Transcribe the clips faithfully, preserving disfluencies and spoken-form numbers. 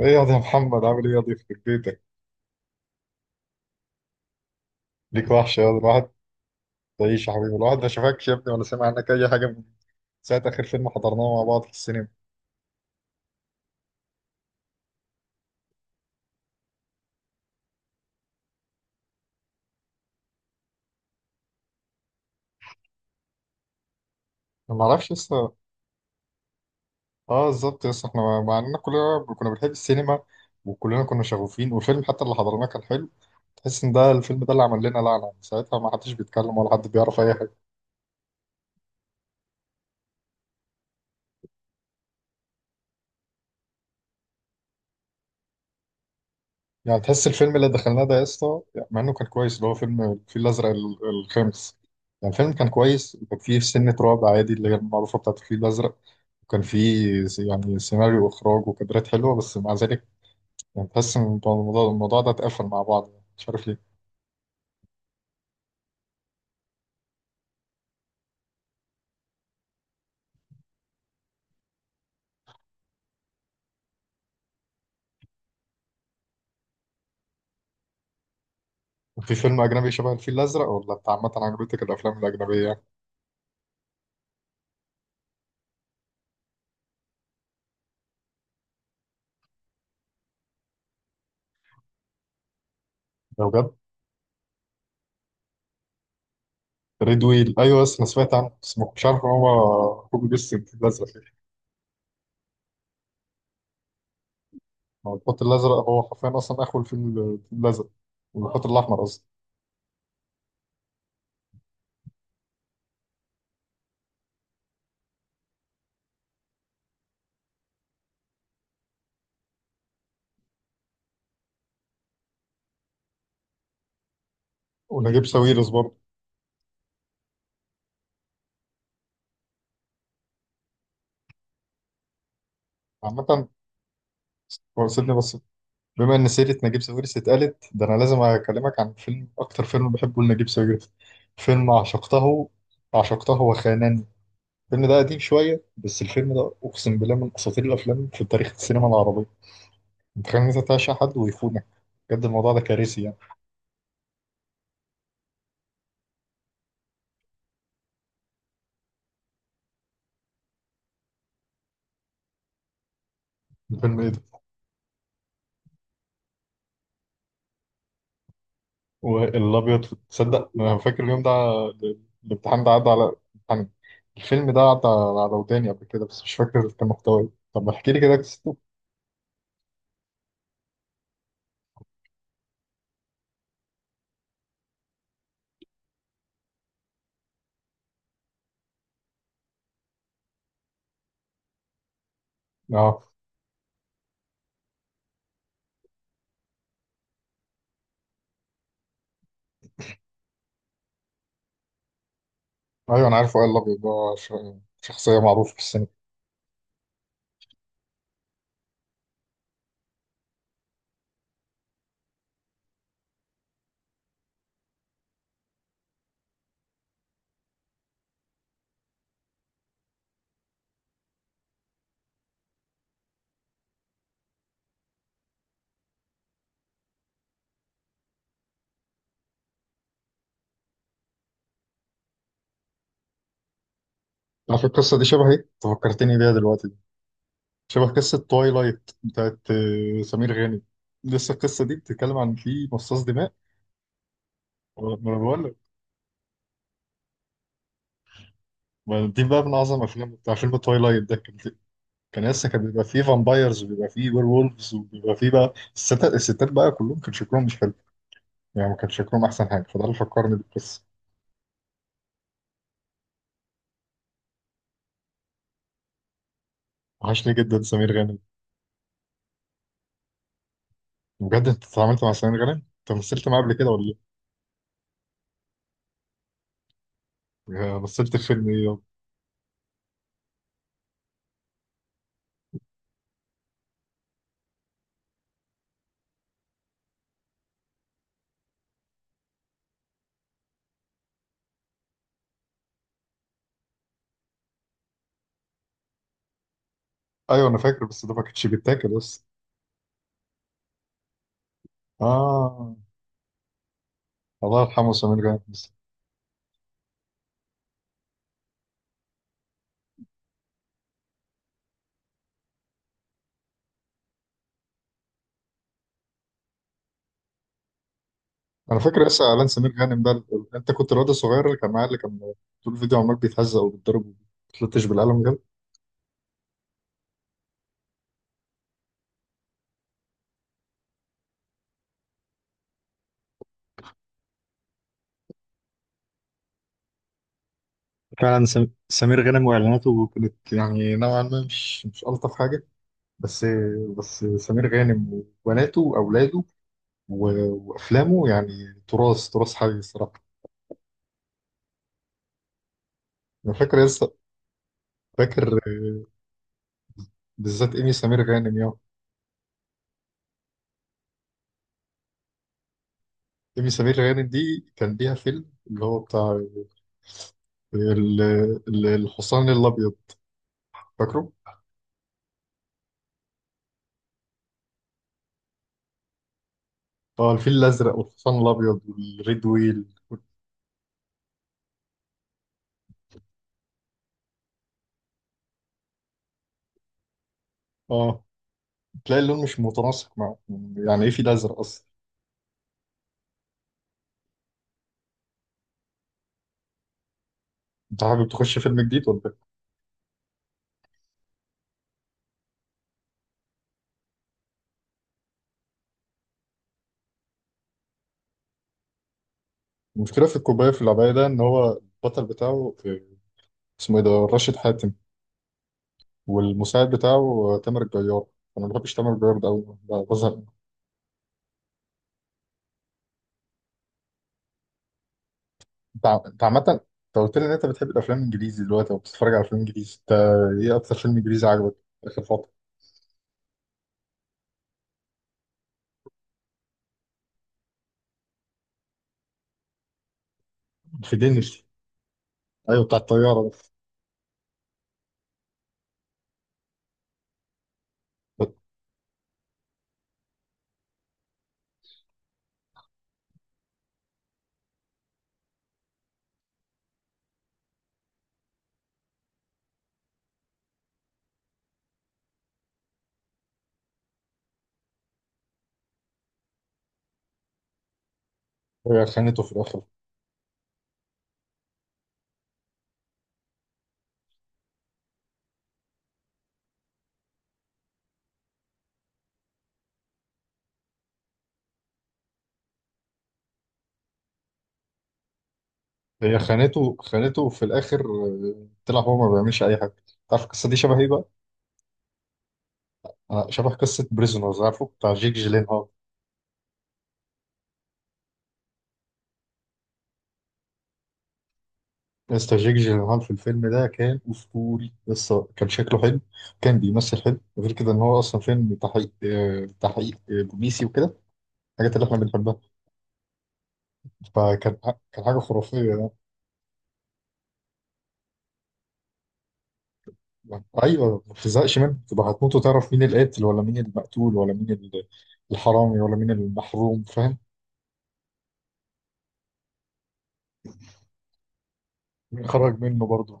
ايه ياض؟ يا ده محمد عامل ايه ياض في بيتك؟ ليك وحش ياض الواحد. تعيش يا حبيبي، الواحد ما شافكش يا ابني ولا سمع عنك اي حاجه من ساعه اخر فيلم حضرناه مع بعض في السينما. أنا ما اعرفش لسه. اه بالظبط، لسه احنا مع اننا كلنا كنا بنحب السينما وكلنا كنا شغوفين، والفيلم حتى اللي حضرناه كان حلو. تحس ان ده الفيلم ده اللي عمل لنا لعنه، من ساعتها ما حدش بيتكلم ولا حد بيعرف اي حاجه. يعني تحس الفيلم اللي دخلناه ده يا اسطى، يعني مع انه كان كويس، اللي هو فيلم الفيل الازرق ال- الخامس. يعني الفيلم كان كويس وكان فيه سنة رعب عادي، اللي هي المعروفة بتاعت الفيل الازرق. وكان فيه س- يعني سيناريو واخراج وكادرات حلوة، بس مع ذلك يعني تحس ان الموضوع الموضوع ده اتقفل مع بعض، يعني مش عارف ليه. في فيلم اجنبي شبه الفيل الازرق، ولا انت عامة عجبتك الافلام الاجنبيه يعني؟ لو بجد. ريد ويل، ايوه بس انا سمعت عنه، بس ما كنتش عارف ان هو كوبي بيست الفيل الازرق. ما هو الخط الازرق هو حرفيا اصلا اخو الفيل الفيل الازرق. والخط الاحمر قصدي. ونجيب ساويرس برضه. عامة ورثتني بس. بما إن سيرة نجيب ساويرس اتقالت، ده أنا لازم أكلمك عن فيلم، أكتر فيلم بحبه لنجيب ساويرس. فيلم عشقته. عشقته وخانني. الفيلم ده قديم شوية، بس الفيلم ده أقسم بالله من أساطير الأفلام في تاريخ السينما العربية. متخيل إن أنت تعشق حد ويخونك؟ بجد الموضوع ده كارثي يعني. الفيلم إيه ده؟ والأبيض تصدق أنا فاكر اليوم ده. ال- الامتحان ده عدى على. الامتحان. الفيلم ده عدى على وداني قبل كده، بس مش فاكر كان محتواه إيه. طب احكي لي كده. اه، ايوه انا عارف وائل الابيض ده. ش- شخصيه معروفه في السينما. على فكره القصه دي شبه ايه؟ انت فكرتني بيها دلوقتي. شبه قصه توايلايت بتاعت آه، سمير غانم. لسه القصه دي بتتكلم عن في مصاص دماء. ولا- ما انا بقول لك. ما دي بقى من اعظم افلام، بتاع فيلم توايلايت ده كان. كان لسه كان بيبقى فيه فامبايرز، وبيبقى فيه وير وولفز، وبيبقى فيه بقى الستات، الستات بقى كلهم كان شكلهم مش حلو. يعني ما كان شكلهم احسن حاجه، فده اللي فكرني بالقصه. وحشني جدا سمير غانم. بجد انت اتعاملت مع سمير غانم؟ انت مثلت معاه قبل كده ولا؟ يا مثلت الفيلم ايه يابا؟ ايوه انا فاكر، بس ده ما كانش بيتاكل بس. اه. الله يرحمه سمير غانم بس. انا فاكر لسه اعلان سمير غانم ده، ال- ال- انت كنت الواد الصغير اللي كان معاه اللي كان طول الفيديو عمال بيتهزق وبيتضرب وبيتلطش بالقلم جنب. فعلا سم... سمير غانم واعلاناته كانت يعني نوعا ما مش مش ألطف حاجة. بس. بس سمير غانم وبناته وأولاده و- وأفلامه يعني تراث، تراث حي الصراحة. أنا فاكر لسه. فاكر. بالذات إيمي سمير غانم. إيمي سمير غانم دي كان ليها فيلم اللي هو بتاع ال- ال- الحصان الأبيض. فاكره؟ اه، الفيل الأزرق والحصان الأبيض والريد ويل. اه، تلاقي اللون مش متناسق معه، يعني يعني إيه فيل أزرق أصلا؟ أنت حابب تخش فيلم جديد ولا إيه؟ المشكلة في الكوباية في العباية ده إن هو البطل بتاعه آه، اسمه إيه ده؟ راشد حاتم. والمساعد بتاعه آه، تامر الجيار. أنا ما بحبش تامر الجيار ده أوي. بزهق. انت ع- انت عامة انت قلت لي ان انت بتحب الافلام الانجليزي دلوقتي، او بتتفرج على افلام انجليزي انت. ايه اكتر فيلم انجليزي عجبك اخر فترة؟ في دينش. ايوه بتاع الطيارة. ده هي خانته في الاخر؟ هي خانته، خانته في الاخر، آه، طلع هو ما بيعملش اي حاجة. تعرف القصة دي شبه ايه بقى؟ آه، شبه قصة بريزونرز، عارفه بتاع جيك جيلينهال. لسه جيك جيلينهال في الفيلم ده كان اسطوري، لسه كان شكله حلو. كان بيمثل حلو، غير كده ان هو اصلا فيلم تحقيق، آه، تحقيق آه، بوليسي وكده. الحاجات اللي احنا بنحبها. فكان ح- كان حاجة خرافية يعني. أيوة ما بتزهقش منه، تبقى هتموت وتعرف مين القاتل ولا مين المقتول ولا مين ال- الحرامي ولا مين المحروم، فاهم؟ مين خرج منه برضه.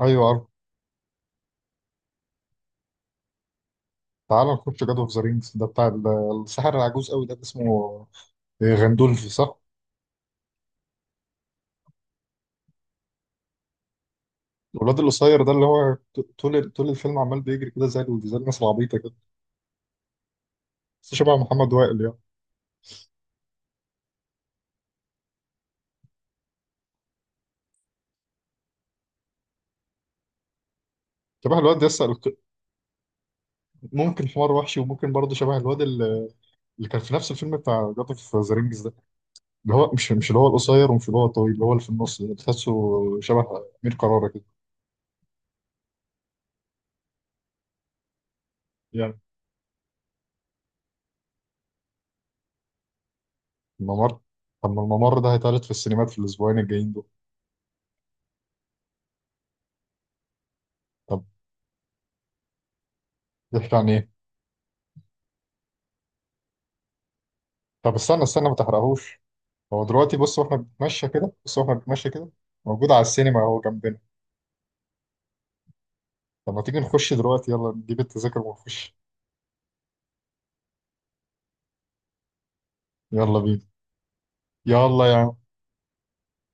أيوة عارف. تعال نخش جاد أوف ذا رينجز ده، بتاع ال- الساحر العجوز قوي ده اللي اسمه غندولف صح؟ الواد القصير ده اللي هو ط- طول طول الفيلم عمال بيجري كده زي ال- زي الناس العبيطة كده. بس شبه محمد وائل يعني. شبه الواد يسأل. ممكن حمار وحشي، وممكن برضه شبه الواد اللي، اللي كان في نفس الفيلم بتاع جاد أوف ذا رينجز، اللي هو مش مش اللي هو القصير، ومش اللي هو الطويل، اللي هو اللي في النص ده تحسه شبه أمير كرارة كده يعني. الممر. طب ما الممر ده هيتعرض في السينمات في الأسبوعين الجايين دول. طب بيحكي عن إيه؟ طب استنى استنى، ما تحرقهوش. هو دلوقتي بص واحنا بنتمشى كده، بص واحنا بنتمشى كده، موجود على السينما اهو جنبنا. طب ما تيجي نخش دلوقتي، يلا نجيب التذاكر ونخش. يلا بينا. يلا يا